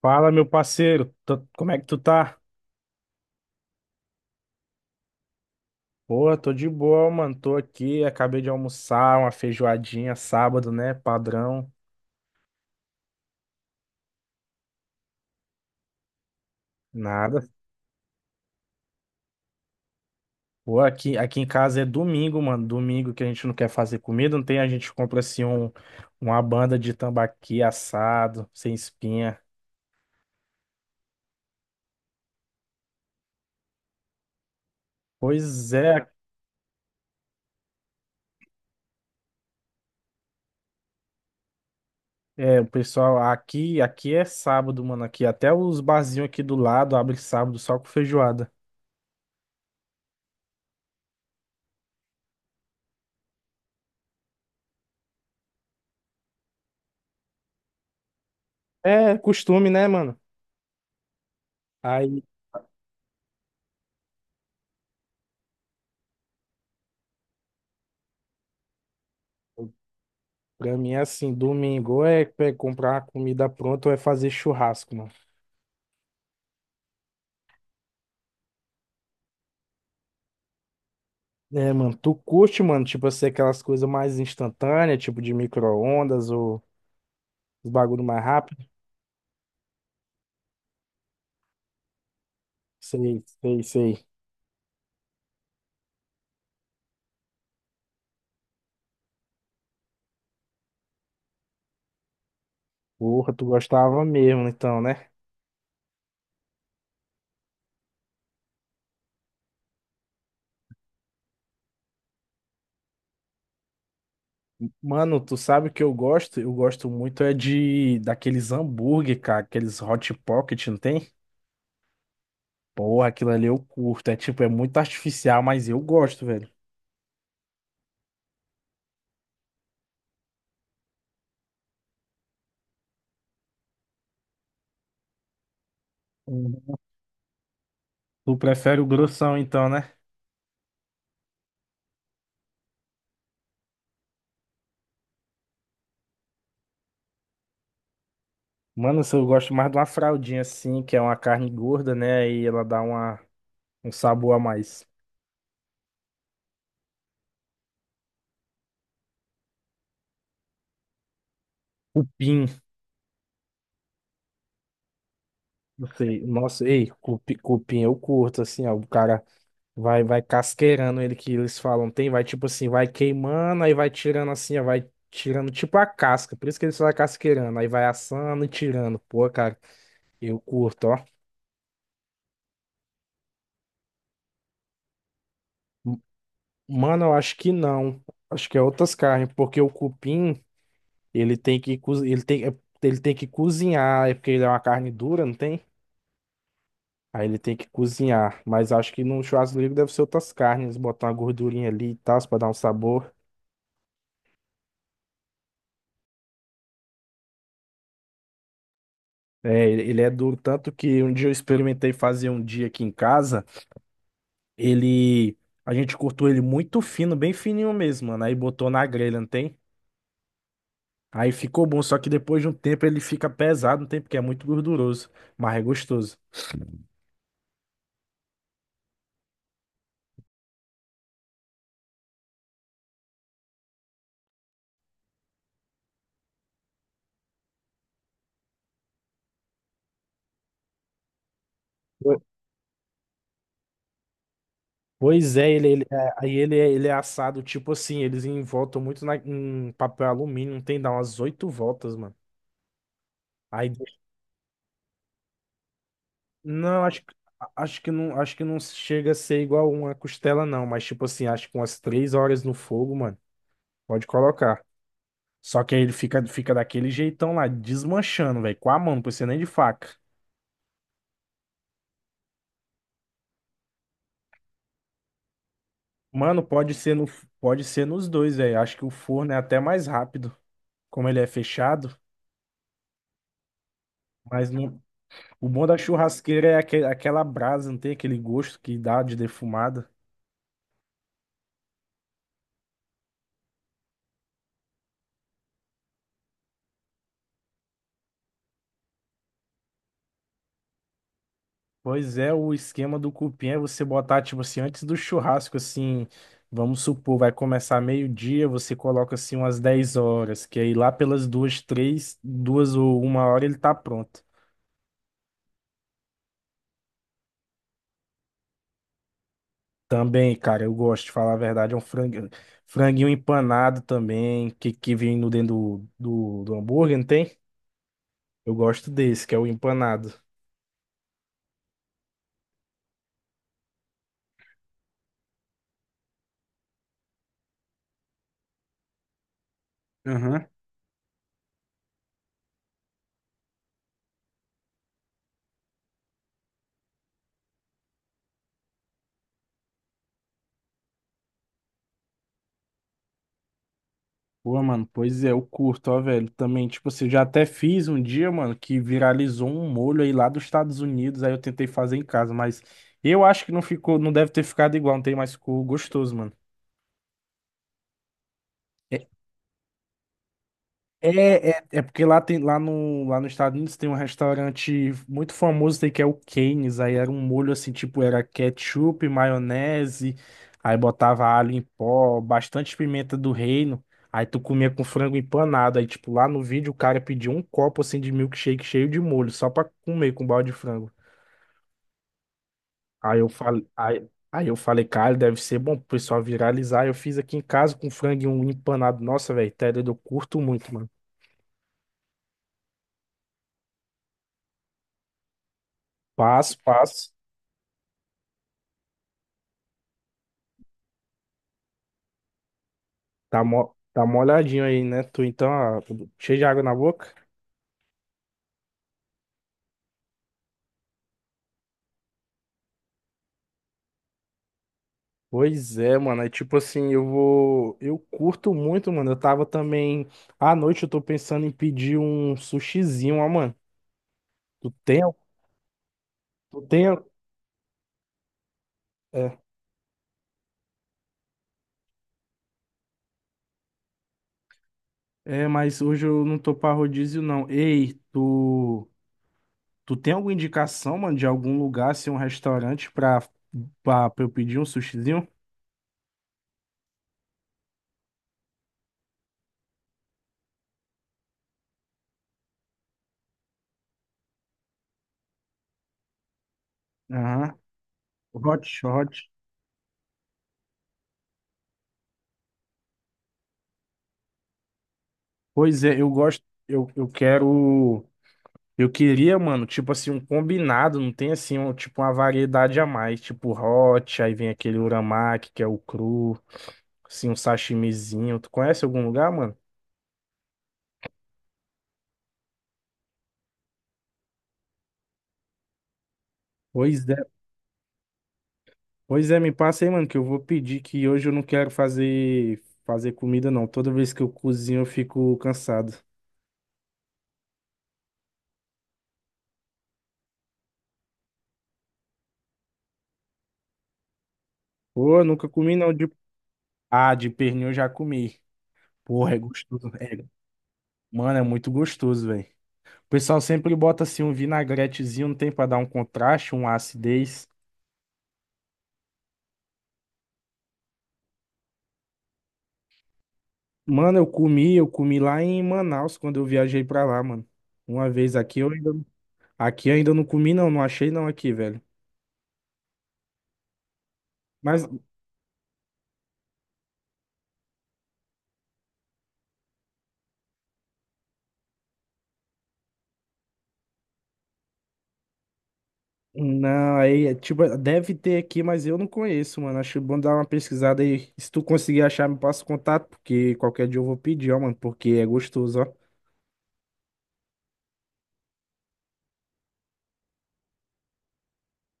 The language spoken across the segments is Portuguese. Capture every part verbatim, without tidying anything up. Fala, meu parceiro. Tô- como é que tu tá? Porra, tô de boa, mano. Tô aqui, acabei de almoçar uma feijoadinha sábado, né? Padrão, nada. Pô, aqui, aqui em casa é domingo, mano. Domingo que a gente não quer fazer comida, não tem, a gente compra assim um, uma banda de tambaqui assado, sem espinha. Pois é, é, o pessoal, aqui, aqui é sábado, mano. Aqui até os barzinhos aqui do lado abrem sábado só com feijoada. É costume, né, mano? Pra mim é assim, domingo ou é pe- comprar uma comida pronta ou é fazer churrasco, mano. É, mano, tu curte, mano, tipo assim, aquelas coisas mais instantâneas, tipo de micro-ondas ou os bagulho mais rápido? Sei, sei, sei. Porra, tu gostava mesmo, então, né? Mano, tu sabe o que eu gosto? Eu gosto muito é de daqueles hambúrguer, cara, aqueles Hot Pocket, não tem? Porra, aquilo ali eu curto. É tipo, é muito artificial, mas eu gosto, velho. Uhum. Tu prefere o grossão, então, né? Mano, eu gosto mais de uma fraldinha assim, que é uma carne gorda, né? Aí ela dá uma, um sabor a mais. Cupim, não sei. Nossa, ei, cupi, cupim eu curto, assim, ó. O cara vai, vai casqueirando ele que eles falam, tem, vai tipo assim, vai queimando, aí vai tirando assim, ó, vai tirando tipo a casca. Por isso que eles falam casqueirando, aí vai assando e tirando. Pô, cara, eu curto, ó. M- Mano, eu acho que não. Acho que é outras carnes, porque o cupim. Ele tem que co- ele tem, é- Ele tem que cozinhar, é porque ele é uma carne dura, não tem? Aí ele tem que cozinhar, mas acho que no churrasco livre deve ser outras carnes, botar uma gordurinha ali e tal, pra dar um sabor. É, ele ele é duro, tanto que um dia eu experimentei fazer um dia aqui em casa, ele, a gente cortou ele muito fino, bem fininho mesmo, mano, aí botou na grelha, não tem? Aí ficou bom, só que depois de um tempo ele fica pesado, não tem? Porque é muito gorduroso, mas é gostoso. Pois é, ele, ele- é, aí ele, é- ele é assado, tipo assim, eles envoltam muito na- em papel alumínio, não tem, dá umas oito voltas, mano. Aí, de- não, acho, que- a- Acho que não, acho que não chega a ser igual uma costela, não, mas tipo assim, acho que umas três horas no fogo, mano, pode colocar. Só que aí ele fica, fica daquele jeitão lá, desmanchando, velho, com a mão, não precisa nem de faca. Mano, pode ser no, pode ser nos dois, velho, acho que o forno é até mais rápido, como ele é fechado, mas não. O bom da churrasqueira é aque- aquela brasa, não tem aquele gosto que dá de defumada. Pois é, o esquema do cupim é você botar, tipo assim, antes do churrasco, assim, vamos supor, vai começar meio-dia, você coloca assim umas dez horas, que aí lá pelas duas, três, duas ou uma hora ele tá pronto. Também, cara, eu gosto de falar a verdade, é um franguinho, franguinho empanado também, que, que vem no dentro do, do, do hambúrguer, não tem? Eu gosto desse, que é o empanado. Pô, mano, pois é, eu curto, ó, velho. Também, tipo assim, eu já até fiz um dia, mano, que viralizou um molho aí lá dos Estados Unidos, aí eu tentei fazer em casa, mas eu acho que não ficou, não deve ter ficado igual, não tem mais ficou gostoso, mano. É, é, é porque lá, tem, lá, no, lá nos Estados Unidos tem um restaurante muito famoso aí que é o Cane's. Aí era um molho assim, tipo, era ketchup, maionese, aí botava alho em pó, bastante pimenta do reino. Aí tu comia com frango empanado. Aí, tipo, lá no vídeo o cara pediu um copo assim de milkshake cheio de molho, só pra comer com balde de frango. Aí eu falei, aí, aí eu falei, cara, deve ser bom pro pessoal viralizar. Eu fiz aqui em casa com frango e um empanado. Nossa, velho, tédio, eu curto muito, mano. Passo, passo. Tá, mo tá molhadinho aí, né? Tu então, ah, cheio de água na boca? Pois é, mano. É tipo assim, eu vou. Eu curto muito, mano. Eu tava também. À noite eu tô pensando em pedir um sushizinho, ó, mano. Tu tem? al- Tu tem? al- É. É, mas hoje eu não tô pra rodízio, não. Ei, tu. Tu tem alguma indicação, mano, de algum lugar, assim, um restaurante pra, pra, pra eu pedir um sushizinho? Aham. Hot, hot. Pois é, eu gosto. Eu, eu quero. Eu queria, mano, tipo assim, um combinado, não tem assim, um, tipo uma variedade a mais, tipo hot, aí vem aquele uramaki, que é o cru, assim, um sashimizinho. Tu conhece algum lugar, mano? Pois é, pois é, me passa aí, mano, que eu vou pedir que hoje eu não quero fazer fazer comida não. Toda vez que eu cozinho eu fico cansado. Pô, eu nunca comi não de Ah, de pernil eu já comi. Porra, é gostoso. É, mano, é muito gostoso, velho. O pessoal sempre bota assim um vinagretezinho, não tem pra dar um contraste, uma acidez. Mano, eu comi, eu comi lá em Manaus quando eu viajei pra lá, mano. Uma vez aqui eu ainda, aqui eu ainda não comi não, não achei não aqui, velho. Mas não, aí é, tipo, deve ter aqui, mas eu não conheço, mano. Acho bom dar uma pesquisada aí. Se tu conseguir achar, me passa o contato, porque qualquer dia eu vou pedir, ó, mano, porque é gostoso, ó.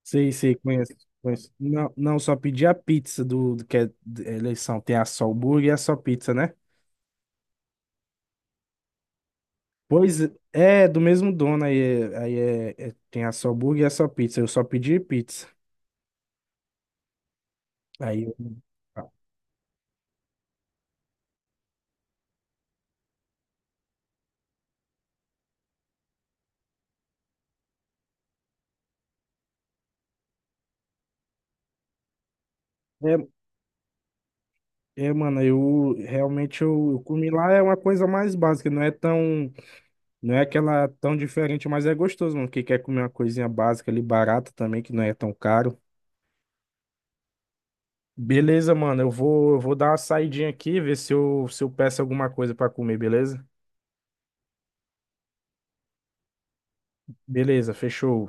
Sei, sei, conheço, conheço. Não, não, só pedi a pizza do, do que é de- é eleição. Tem a só hambúrguer e a só pizza, né? Pois é, do mesmo dono, aí, é- aí é, é- tem a só burger e a só pizza. Eu só pedi pizza. Aí eu... Ah. É, é, mano, eu realmente eu, eu comi lá é uma coisa mais básica, não é tão, não é aquela tão diferente, mas é gostoso, mano. Quem quer comer uma coisinha básica ali, barata também, que não é tão caro. Beleza, mano, eu vou, eu vou dar uma saidinha aqui, ver se eu, se eu peço alguma coisa pra comer, beleza? Beleza, fechou.